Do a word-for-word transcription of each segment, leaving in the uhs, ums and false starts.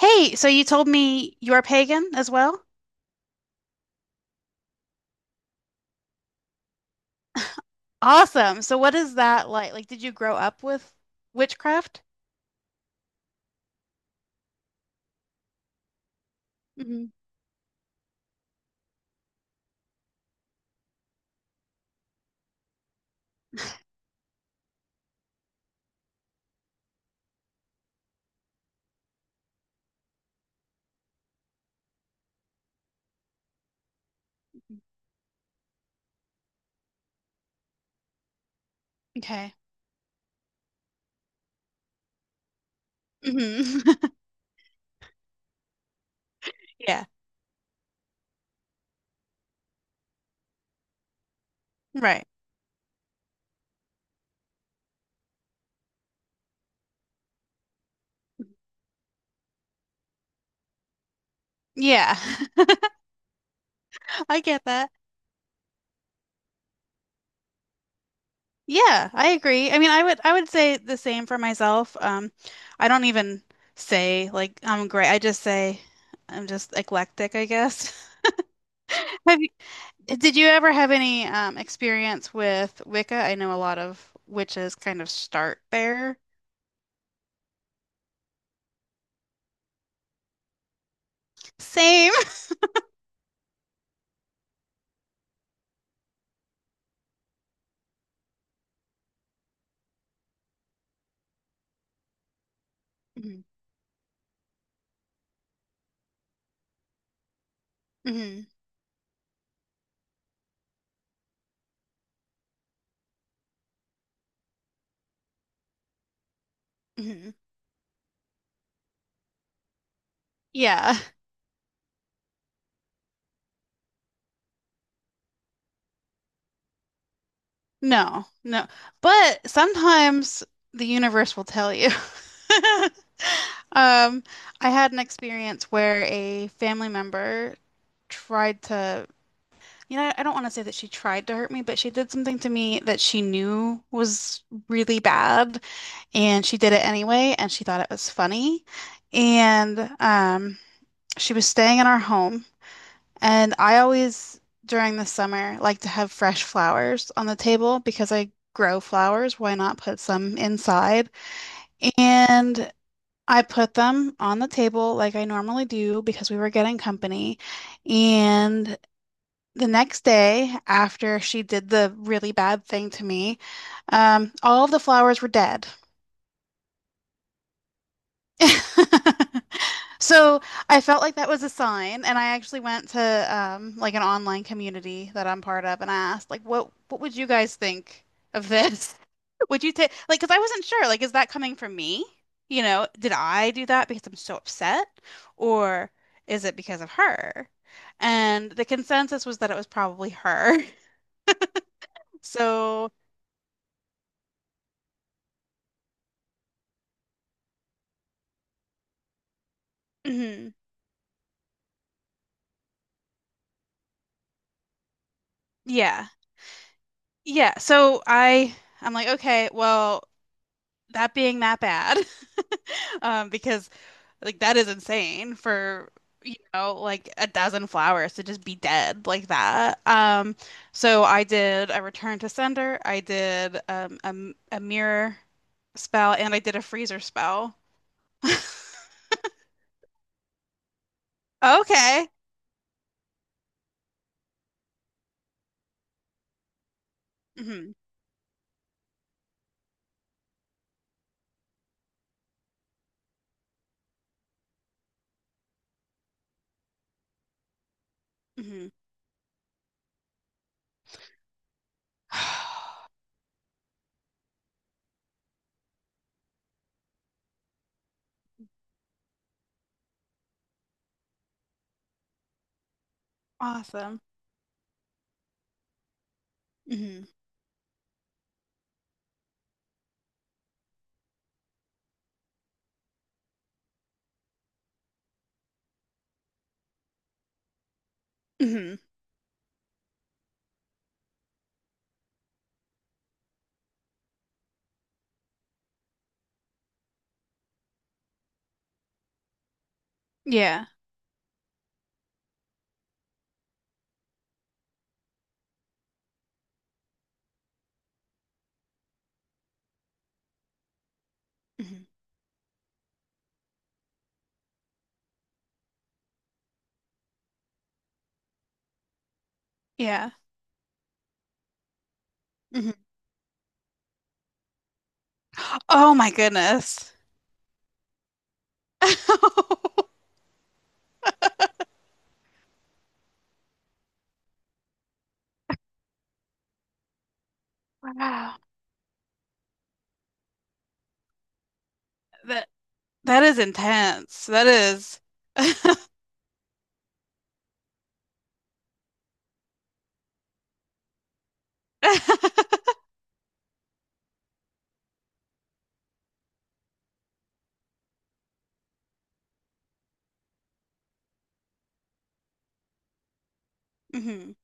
Hey, so you told me you're pagan as well? Awesome. So what is that like? Like, did you grow up with witchcraft? Hmm Okay. hmm Yeah. Right. Yeah. I get that. Yeah, I agree. I mean, I would I would say the same for myself. Um, I don't even say like I'm great. I just say I'm just eclectic, I guess. Have you, did you ever have any um experience with Wicca? I know a lot of witches kind of start there. Same. Hmm hmm hmm Yeah. No, no. But sometimes the universe will tell you. Um, I had an experience where a family member tried to, you know, I don't want to say that she tried to hurt me, but she did something to me that she knew was really bad, and she did it anyway, and she thought it was funny. And um, she was staying in our home. And I always, during the summer, like to have fresh flowers on the table because I grow flowers. Why not put some inside? And I put them on the table like I normally do because we were getting company. And the next day, after she did the really bad thing to me, um, all of the flowers were dead. So I felt like that was a sign, and I actually went to um, like an online community that I'm part of, and I asked, like, what what would you guys think of this? Would you take like, because I wasn't sure, like, is that coming from me? You know, did I do that because I'm so upset, or is it because of her? And the consensus was that it was probably her. So mhm. yeah, yeah. So I I'm like, okay, well, that being that bad. Um, because like that is insane for, you know, like a dozen flowers to just be dead like that. Um, so I did a return to sender, I did um, a, m- a mirror spell, and I did a freezer spell. Okay. hmm hmm Awesome. Hmm hmm Yeah. hmm Yeah. hmm Oh my goodness. Wow. That that is intense. That is- Mhm.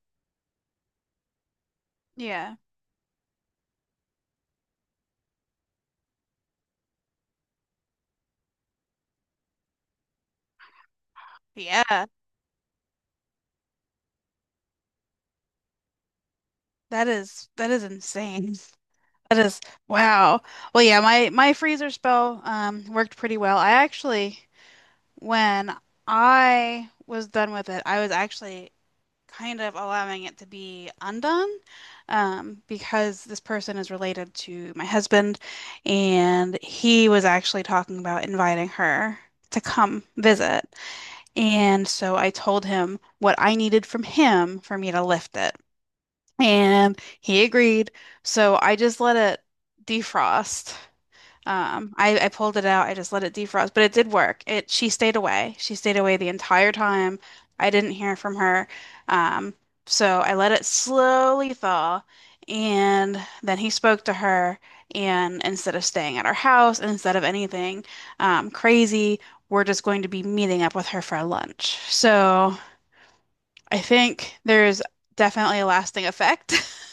Yeah. Yeah. That is that is insane. That is wow. Well, yeah, my my freezer spell um worked pretty well. I actually when I was done with it, I was actually kind of allowing it to be undone um because this person is related to my husband and he was actually talking about inviting her to come visit. And so I told him what I needed from him for me to lift it. And he agreed. So I just let it defrost. Um, I, I pulled it out. I just let it defrost, but it did work. It She stayed away. She stayed away the entire time. I didn't hear from her. Um, so I let it slowly thaw, and then he spoke to her. And instead of staying at our house, and instead of anything um, crazy, we're just going to be meeting up with her for lunch. So I think there's definitely a lasting effect.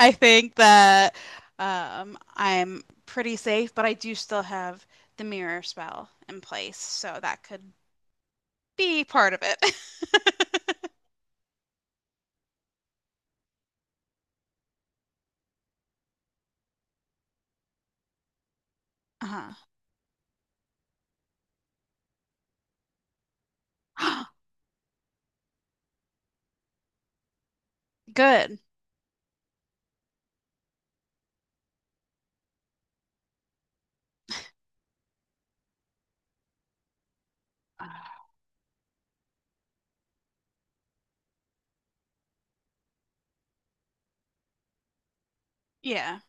I think that um, I'm pretty safe, but I do still have the mirror spell in place, so that could be part of it. Uh-huh. Good. Yeah.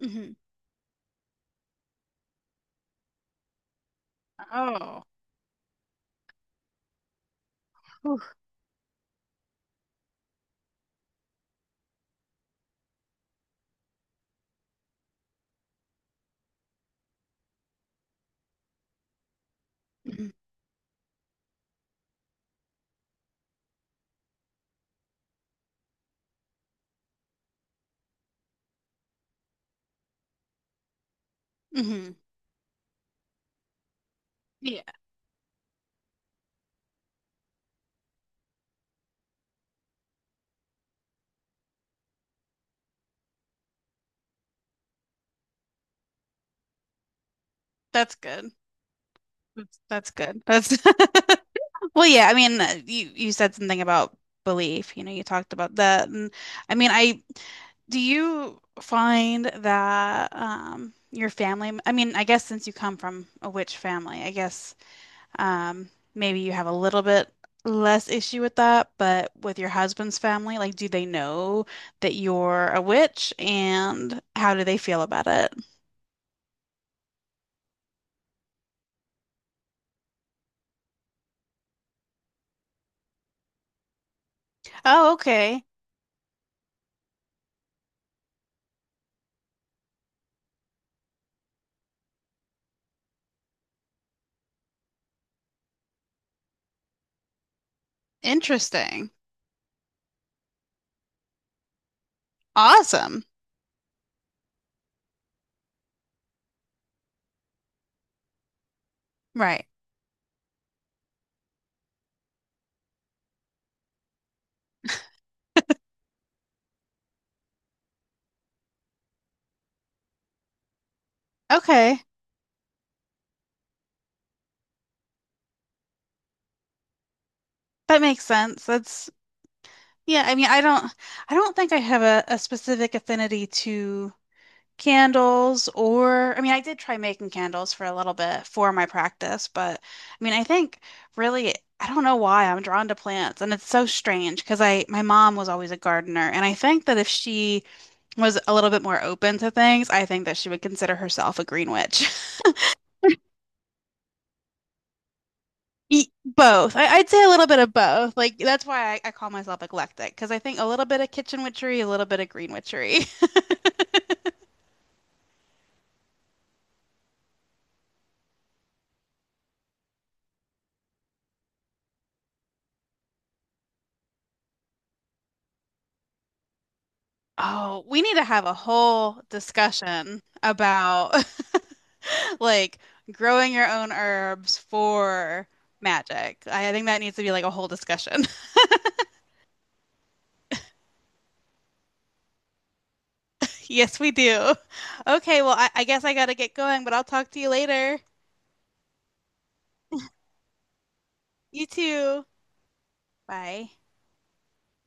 hmm Oh, whew, hmm hmm Yeah, that's good. That's, that's good. That's Well, yeah, I mean, uh, you you said something about belief. You know, you talked about that. And I mean, I do you find that um your family, I mean, I guess since you come from a witch family, I guess um maybe you have a little bit less issue with that, but with your husband's family, like do they know that you're a witch and how do they feel about it? Oh, okay. Interesting. Awesome. Right. Okay. That makes sense. That's yeah, I mean, I don't I don't think I have a, a specific affinity to candles or I mean, I did try making candles for a little bit for my practice, but I mean, I think really I don't know why I'm drawn to plants and it's so strange because I my mom was always a gardener and I think that if she was a little bit more open to things, I think that she would consider herself a green witch. E- Both. I, I'd say a little bit of both. Like that's why I, I call myself eclectic because I think a little bit of kitchen witchery, a little bit of green witchery. Oh, we need to have a whole discussion about like growing your own herbs for magic. I, I think that needs to be like a whole discussion. Yes, we do. Okay, well, I, I guess I gotta get going, but I'll talk to you later. You too. Bye.